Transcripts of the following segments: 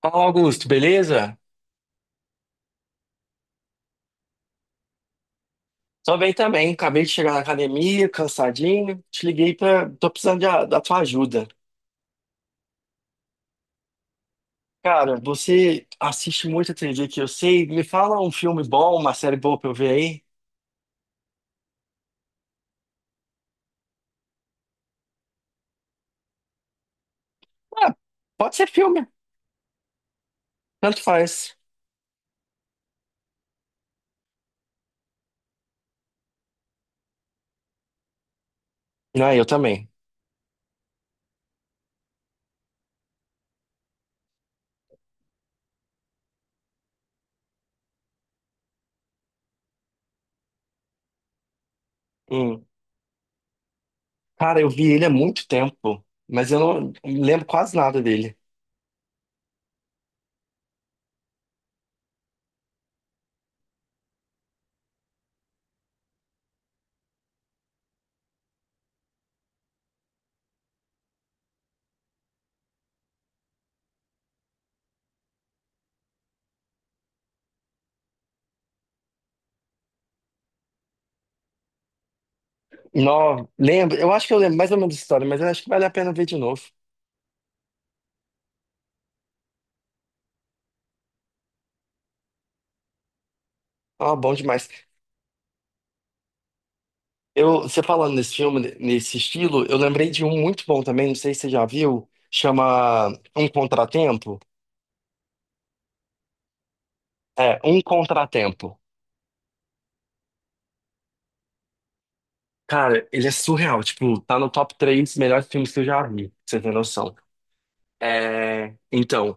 Fala, Augusto, beleza? Tô bem também. Acabei de chegar na academia, cansadinho. Te liguei pra. Tô precisando de da tua ajuda. Cara, você assiste muita TV que eu sei. Me fala um filme bom, uma série boa pra eu ver aí. Ah, pode ser filme. Tanto faz. Não, eu também. Hum. Cara, eu vi ele há muito tempo, mas eu não lembro quase nada dele. Não, lembro. Eu acho que eu lembro mais ou menos da história, mas eu acho que vale a pena ver de novo. Ah, bom demais. Você falando nesse filme, nesse estilo, eu lembrei de um muito bom também, não sei se você já viu, chama Um Contratempo. É, Um Contratempo. Cara, ele é surreal, tipo, tá no top três melhores filmes que eu já vi, pra você tem noção. É, então,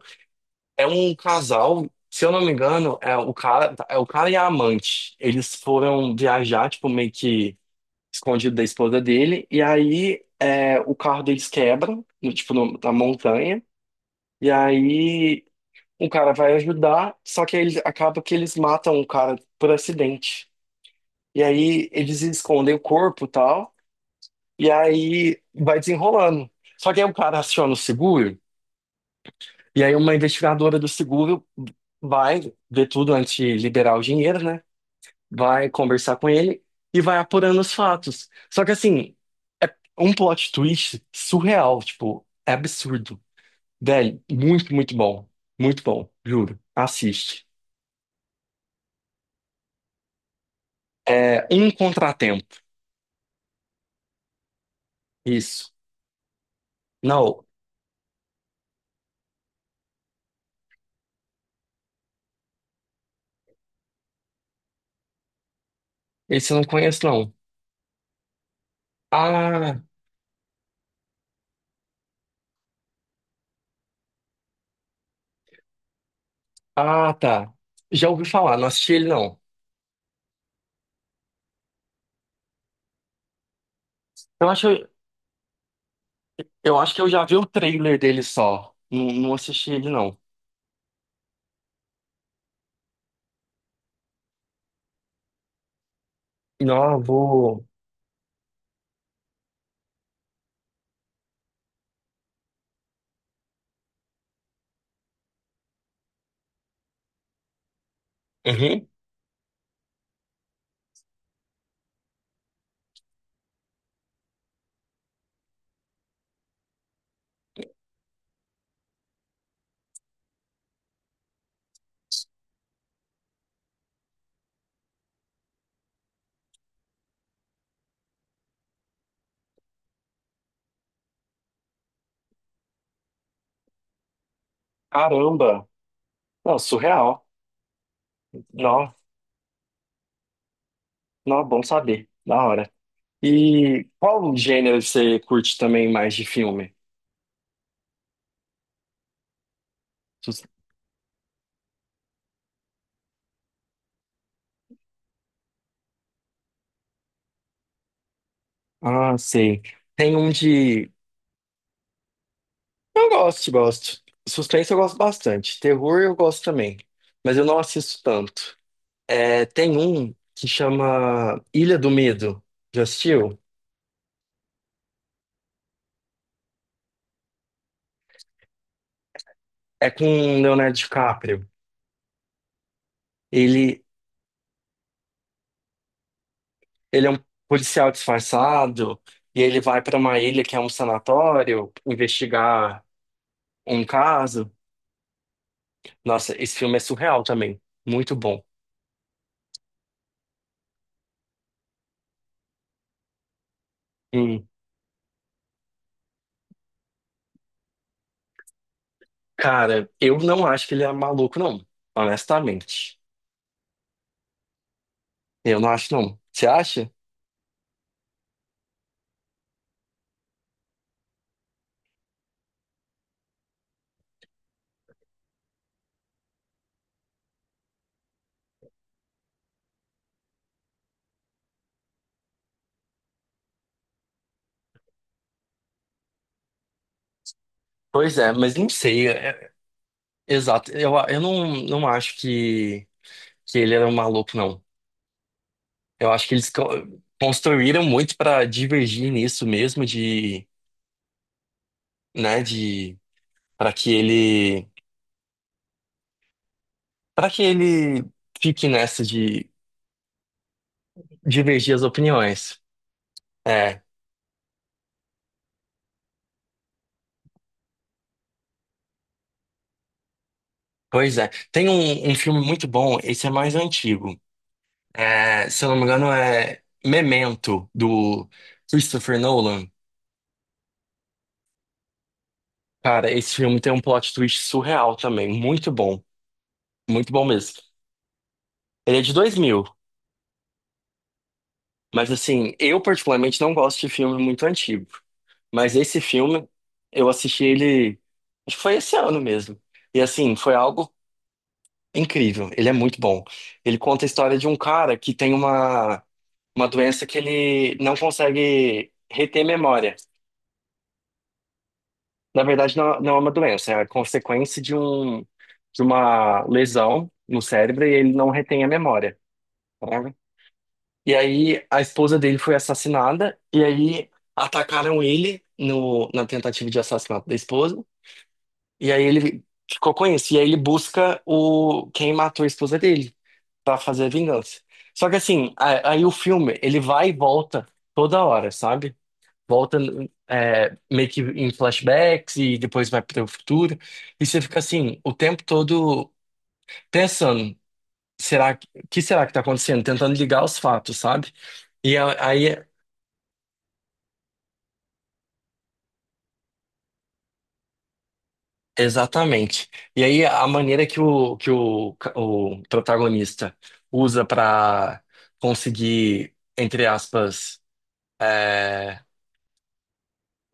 é um casal, se eu não me engano, é o cara e a amante. Eles foram viajar, tipo, meio que escondido da esposa dele, e aí é, o carro deles quebra, na montanha. E aí um cara vai ajudar, só que acaba que eles matam o cara por acidente. E aí eles escondem o corpo e tal, e aí vai desenrolando. Só que aí o cara aciona o seguro, e aí uma investigadora do seguro vai ver tudo antes de liberar o dinheiro, né? Vai conversar com ele e vai apurando os fatos. Só que assim, é um plot twist surreal, tipo, é absurdo. Velho, muito bom. Muito bom, juro. Assiste. É um contratempo. Isso. Não, esse eu não conheço, não. Ah, ah, tá. Já ouvi falar, não assisti ele, não. Eu acho, eu acho que eu já vi o trailer dele só. Não, não assisti ele, não. Não, eu vou. Uhum. Caramba! Não, surreal. Não, não, bom saber. Da hora. E qual gênero você curte também mais de filme? Sus- Ah, sei. Tem um de. Gosto. Suspense eu gosto bastante. Terror eu gosto também. Mas eu não assisto tanto. É, tem um que chama Ilha do Medo. Já assistiu? É com o Leonardo DiCaprio. Ele, ele é um policial disfarçado e ele vai para uma ilha que é um sanatório investigar um caso. Nossa, esse filme é surreal também. Muito bom. Hum, cara, eu não acho que ele é maluco, não. Honestamente. Eu não acho, não. Você acha? Pois é, mas não sei. Exato. Eu não acho que ele era um maluco, não. Eu acho que eles construíram muito para divergir nisso mesmo de, né, de para que ele para que ele fique nessa de divergir as opiniões. É, pois é. Tem um filme muito bom, esse é mais antigo. É, se eu não me engano é Memento do Christopher Nolan. Cara, esse filme tem um plot twist surreal também, muito bom mesmo. Ele é de 2000, mas assim, eu particularmente não gosto de filme muito antigo. Mas esse filme, eu assisti ele, acho que foi esse ano mesmo. E assim, foi algo incrível. Ele é muito bom. Ele conta a história de um cara que tem uma doença que ele não consegue reter memória. Na verdade, não, não é uma doença, é a consequência de de uma lesão no cérebro e ele não retém a memória, né? E aí, a esposa dele foi assassinada, e aí atacaram ele no, na tentativa de assassinato da esposa. E aí ele ficou com isso. E aí ele busca o quem matou a esposa dele pra fazer a vingança. Só que assim, aí o filme, ele vai e volta toda hora, sabe? Volta é, meio que em flashbacks e depois vai pro futuro. E você fica assim, o tempo todo pensando, será que será que tá acontecendo? Tentando ligar os fatos, sabe? E aí exatamente. E aí a maneira que o protagonista usa para conseguir, entre aspas, é,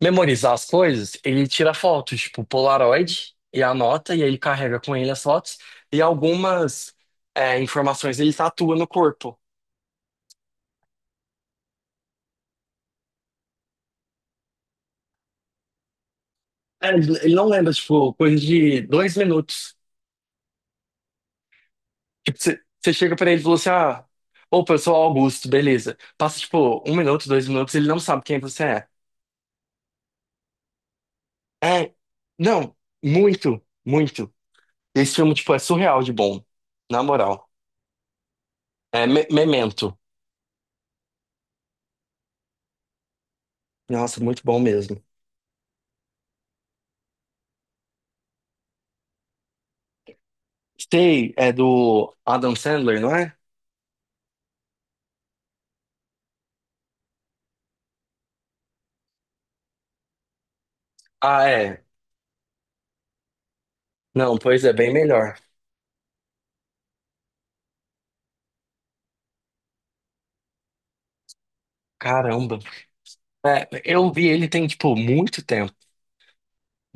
memorizar as coisas, ele tira fotos, tipo Polaroid, e anota, e aí carrega com ele as fotos, e algumas informações ele tatua no corpo. É, ele não lembra, tipo, coisa de dois minutos. Tipo, você chega pra ele e fala assim, ah, opa, eu sou o Augusto, beleza. Passa, tipo, um minuto, dois minutos, ele não sabe quem você é. É, não, muito. Esse filme, tipo, é surreal de bom, na moral. É Memento. Nossa, muito bom mesmo. Stay é do Adam Sandler, não é? Ah, é. Não, pois é, bem melhor. Caramba. É, eu vi ele tem, tipo, muito tempo,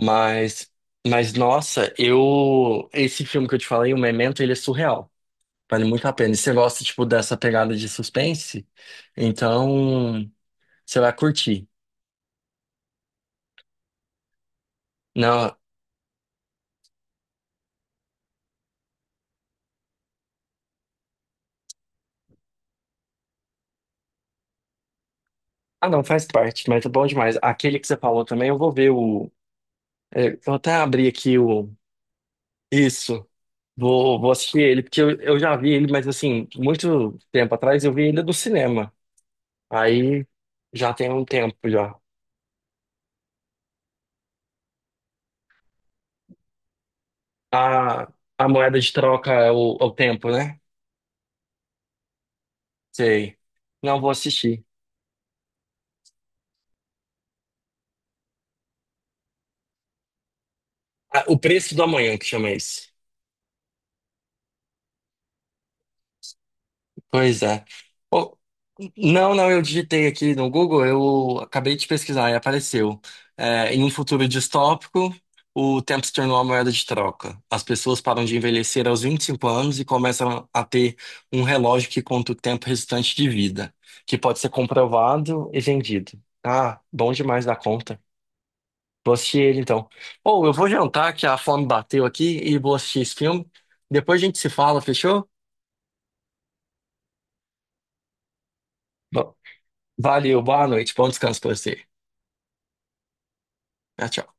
mas, mas nossa, eu, esse filme que eu te falei, o Memento, ele é surreal. Vale muito a pena. E você gosta, tipo, dessa pegada de suspense? Então, você vai curtir. Não, ah, não, faz parte, mas é bom demais. Aquele que você falou também, eu vou ver o. É, vou até abrir aqui o. Isso. Vou assistir ele, porque eu já vi ele, mas assim, muito tempo atrás eu vi ele no cinema. Aí já tem um tempo já. A, a moeda de troca é é o tempo, né? Sei. Não vou assistir. Ah, o preço do amanhã que chama esse. Pois é. Ô, não, não, eu digitei aqui no Google, eu acabei de pesquisar e apareceu. É, em um futuro distópico, o tempo se tornou uma moeda de troca. As pessoas param de envelhecer aos 25 anos e começam a ter um relógio que conta o tempo restante de vida, que pode ser comprovado e vendido. Ah, bom demais da conta. Vou assistir ele então. Ou eu vou jantar, que a fome bateu aqui, e vou assistir esse filme. Depois a gente se fala, fechou? Bom, valeu, boa noite, bom descanso pra você. Tchau, tchau.